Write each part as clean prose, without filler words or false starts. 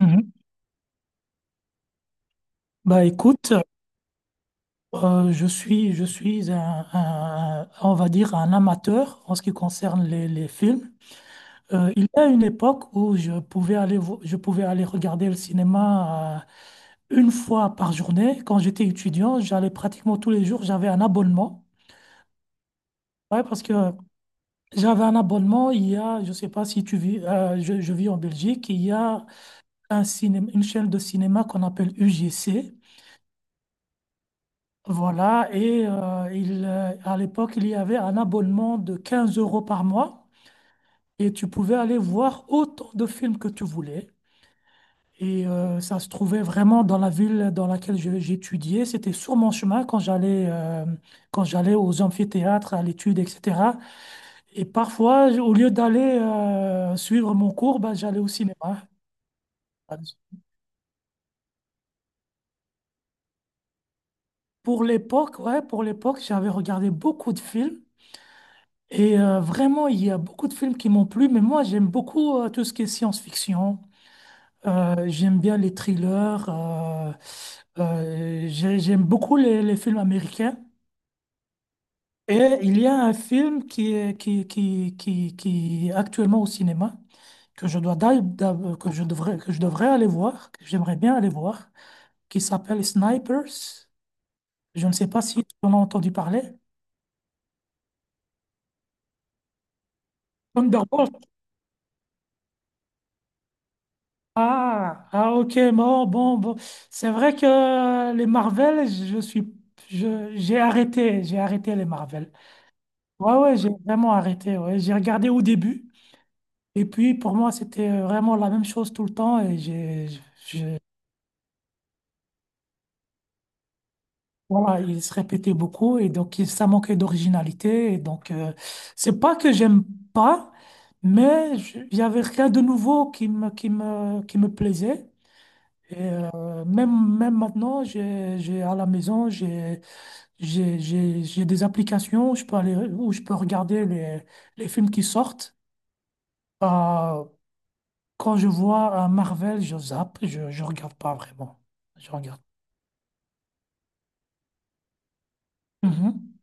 Mhm. Bah écoute, je suis on va dire un amateur en ce qui concerne les films. Il y a une époque où je pouvais aller regarder le cinéma une fois par journée. Quand j'étais étudiant, j'allais pratiquement tous les jours. J'avais un abonnement. Ouais, parce que j'avais un abonnement. Il y a, je sais pas si tu vis, je vis en Belgique. Il y a un cinéma, une chaîne de cinéma qu'on appelle UGC. Voilà. Et à l'époque, il y avait un abonnement de 15 euros par mois. Et tu pouvais aller voir autant de films que tu voulais. Et ça se trouvait vraiment dans la ville dans laquelle j'étudiais. C'était sur mon chemin quand j'allais aux amphithéâtres, à l'étude, etc. Et parfois, au lieu d'aller suivre mon cours, bah, j'allais au cinéma. Pour l'époque, ouais, pour l'époque, j'avais regardé beaucoup de films. Et vraiment, il y a beaucoup de films qui m'ont plu. Mais moi, j'aime beaucoup tout ce qui est science-fiction. J'aime bien les thrillers. J'aime beaucoup les films américains. Et il y a un film qui est actuellement au cinéma, que je dois, d'a- d'a- que je devrais aller voir, que j'aimerais bien aller voir, qui s'appelle Snipers. Je ne sais pas si tu en as entendu parler. Thunderbolt. Ah, ah, ok, bon, bon, bon. C'est vrai que les Marvel, j'ai arrêté les Marvel. Ouais, ouais, j'ai vraiment arrêté. Ouais. J'ai regardé au début, et puis pour moi, c'était vraiment la même chose tout le temps, et j'ai. Voilà, il se répétait beaucoup et donc ça manquait d'originalité. Et donc, c'est pas que j'aime pas, mais il y avait rien de nouveau qui me plaisait. Et même maintenant, j'ai à la maison, j'ai des applications où je peux regarder les films qui sortent. Euh, Quand je vois un Marvel, je zappe, je regarde pas vraiment. Je regarde. Mhm.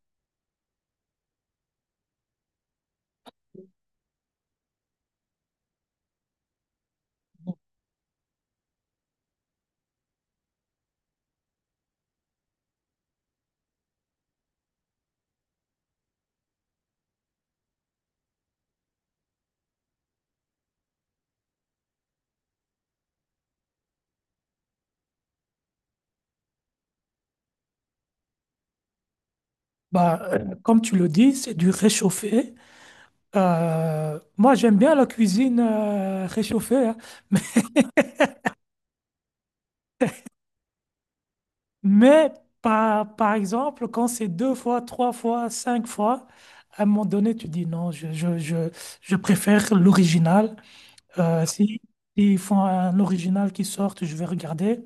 Bah, comme tu le dis, c'est du réchauffé. Moi, j'aime bien la cuisine réchauffée, hein. Mais par exemple, quand c'est deux fois, trois fois, cinq fois, à un moment donné, tu dis non, je préfère l'original. Si, ils font un original qui sort, je vais regarder.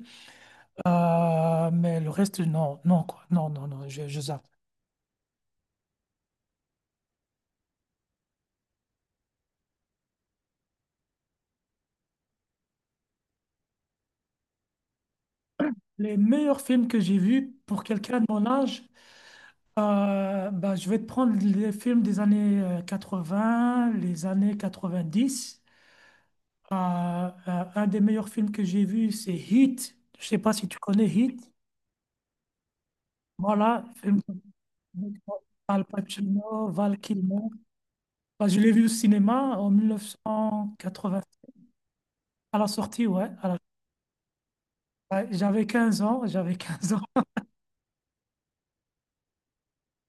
Mais le reste, non, non, quoi. Non, non, non, je zappe. Les meilleurs films que j'ai vus pour quelqu'un de mon âge. Bah, je vais te prendre les films des années vingts les années 90. Euh, euh, un des meilleurs films que j'ai vu, c'est Heat. Je sais pas si tu connais Heat. Voilà, film de Al Pacino, Val Kilmer. Bah, je l'ai vu au cinéma en 1980, à la sortie, ouais. Ouais, j'avais 15 ans, j'avais 15 ans.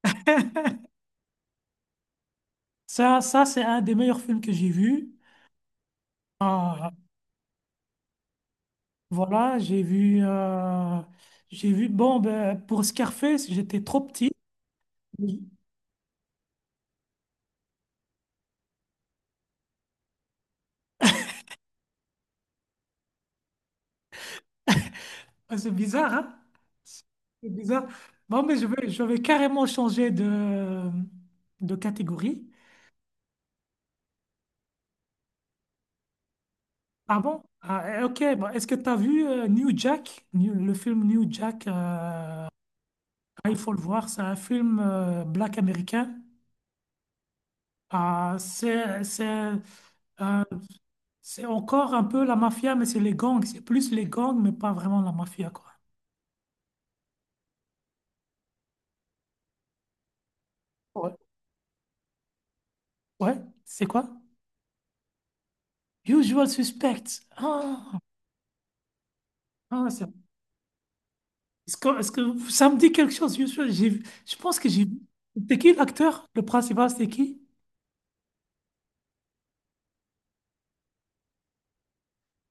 Ça c'est un des meilleurs films que j'ai vu. Euh, Voilà, bon, ben, pour Scarface, j'étais trop petit. Ah, c'est bizarre, hein? C'est bizarre. Bon, mais je vais carrément changer de catégorie. Ah bon? Ah, eh, ok, bon, est-ce que tu as vu le film New Jack ah, il faut le voir, c'est un film black américain. Ah, euh, c'est encore un peu la mafia, mais c'est les gangs. C'est plus les gangs, mais pas vraiment la mafia, quoi. Ouais, ouais, c'est quoi? Usual Suspect. Ah, ah, est-ce que ça me dit quelque chose, Usual? Je pense que j'ai vu. C'était qui l'acteur? Le principal, c'était qui?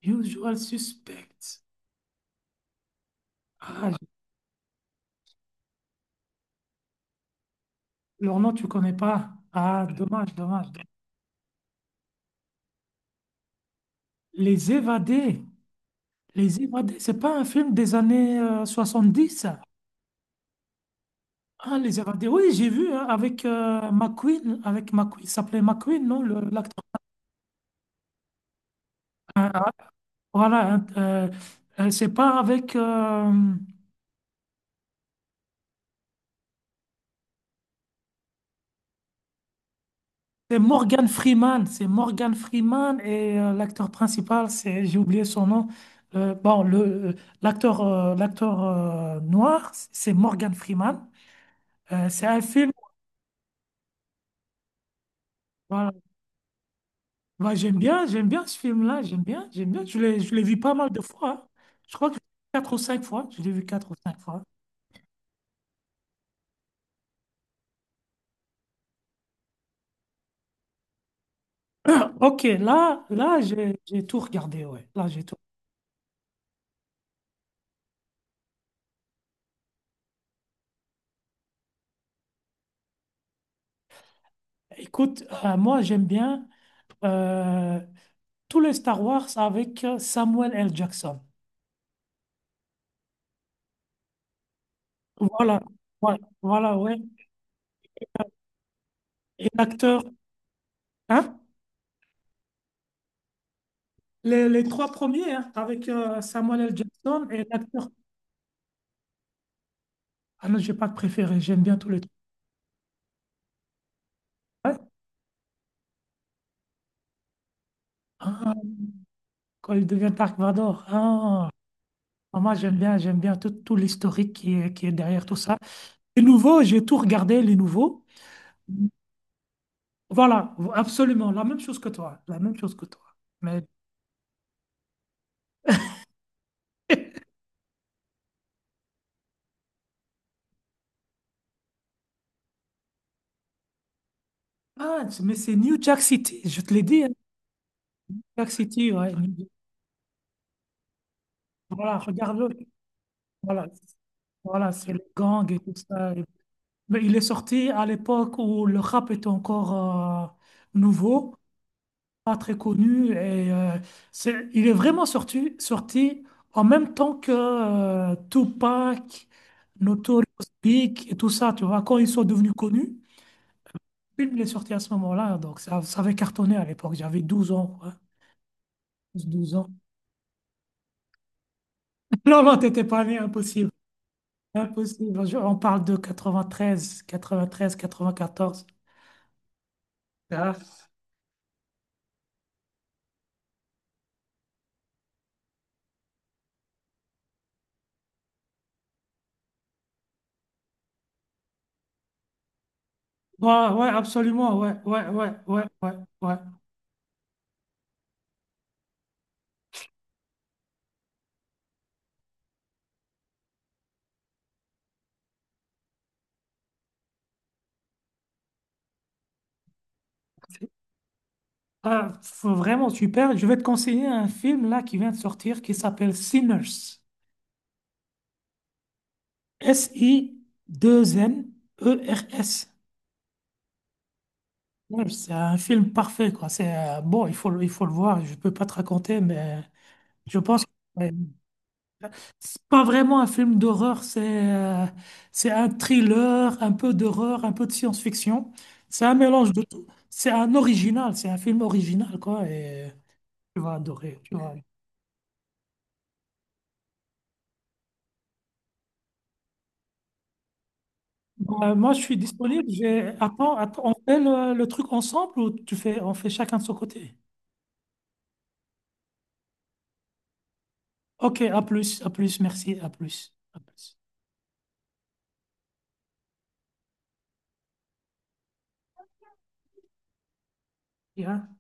Usual Suspect. Ah, leur nom, tu connais pas. Ah, dommage, dommage. Les Évadés. Les Évadés, c'est pas un film des années 70, ça? Ah, Les Évadés. Oui, j'ai vu hein, avec McQueen. Avec McQueen. Il s'appelait McQueen, non, l'acteur? Voilà, c'est pas avec. C'est Morgan Freeman. C'est Morgan Freeman et l'acteur principal, j'ai oublié son nom. Bon, euh, l'acteur, noir, c'est Morgan Freeman. C'est un film. Voilà. Bah, j'aime bien ce film-là. J'aime bien, j'aime bien. Je l'ai vu pas mal de fois. Hein. Je crois que quatre ou cinq fois. Je l'ai vu quatre ou cinq fois. Ok, là, là, j'ai tout regardé. Ouais, là, j'ai tout. Écoute, moi, j'aime bien. euh, Tous les Star Wars avec Samuel L. Jackson. Voilà, voilà, voilà, ouais. Et l'acteur, hein? Les trois premiers, hein, avec Samuel L. Jackson et l'acteur. Ah non, j'ai pas de préféré, j'aime bien tous les trois. Ouais. Ah, quand il devient Dark Vador. Ah, ah, moi, j'aime bien tout, tout l'historique qui est derrière tout ça. Les nouveaux, j'ai tout regardé, les nouveaux. Voilà, absolument, la même chose que toi, la même chose que toi. Mais, ah, mais c'est New Jack City, je te l'ai dit, hein, New Jack City, ouais. Voilà, regarde-le. Voilà, voilà, c'est le gang et tout ça. Mais il est sorti à l'époque où le rap était encore euh, nouveau, pas très connu. Et il est vraiment sorti en même temps que Tupac, Notorious Big et tout ça. Tu vois, quand ils sont devenus connus, il est sorti à ce moment-là. Donc ça avait cartonné à l'époque. J'avais 12 ans, quoi. 12 ans. Non, non, t'étais pas né, impossible. Impossible. On parle de quatre-vingt-treize, 94. Ah. Ouais, ouais, absolument. Ouais, ouais, ouais, ouais, ouais, ouais. Ah, faut vraiment super. Je vais te conseiller un film là qui vient de sortir qui s'appelle Sinners. S-I-2-N-E-R-S. Ouais, c'est un film parfait, quoi. C'est bon, il faut le voir. Je peux pas te raconter, mais je pense. C'est pas vraiment un film d'horreur, euh, c'est un thriller, un peu d'horreur, un peu de science-fiction. C'est un mélange de tout. C'est un original, c'est un film original, quoi. Et tu vas adorer, tu vas. Adorer. Moi, je suis disponible. J'ai. Attends, attends, on fait le truc ensemble ou on fait chacun de son côté? Ok, à plus, merci, à plus, à plus. Bien.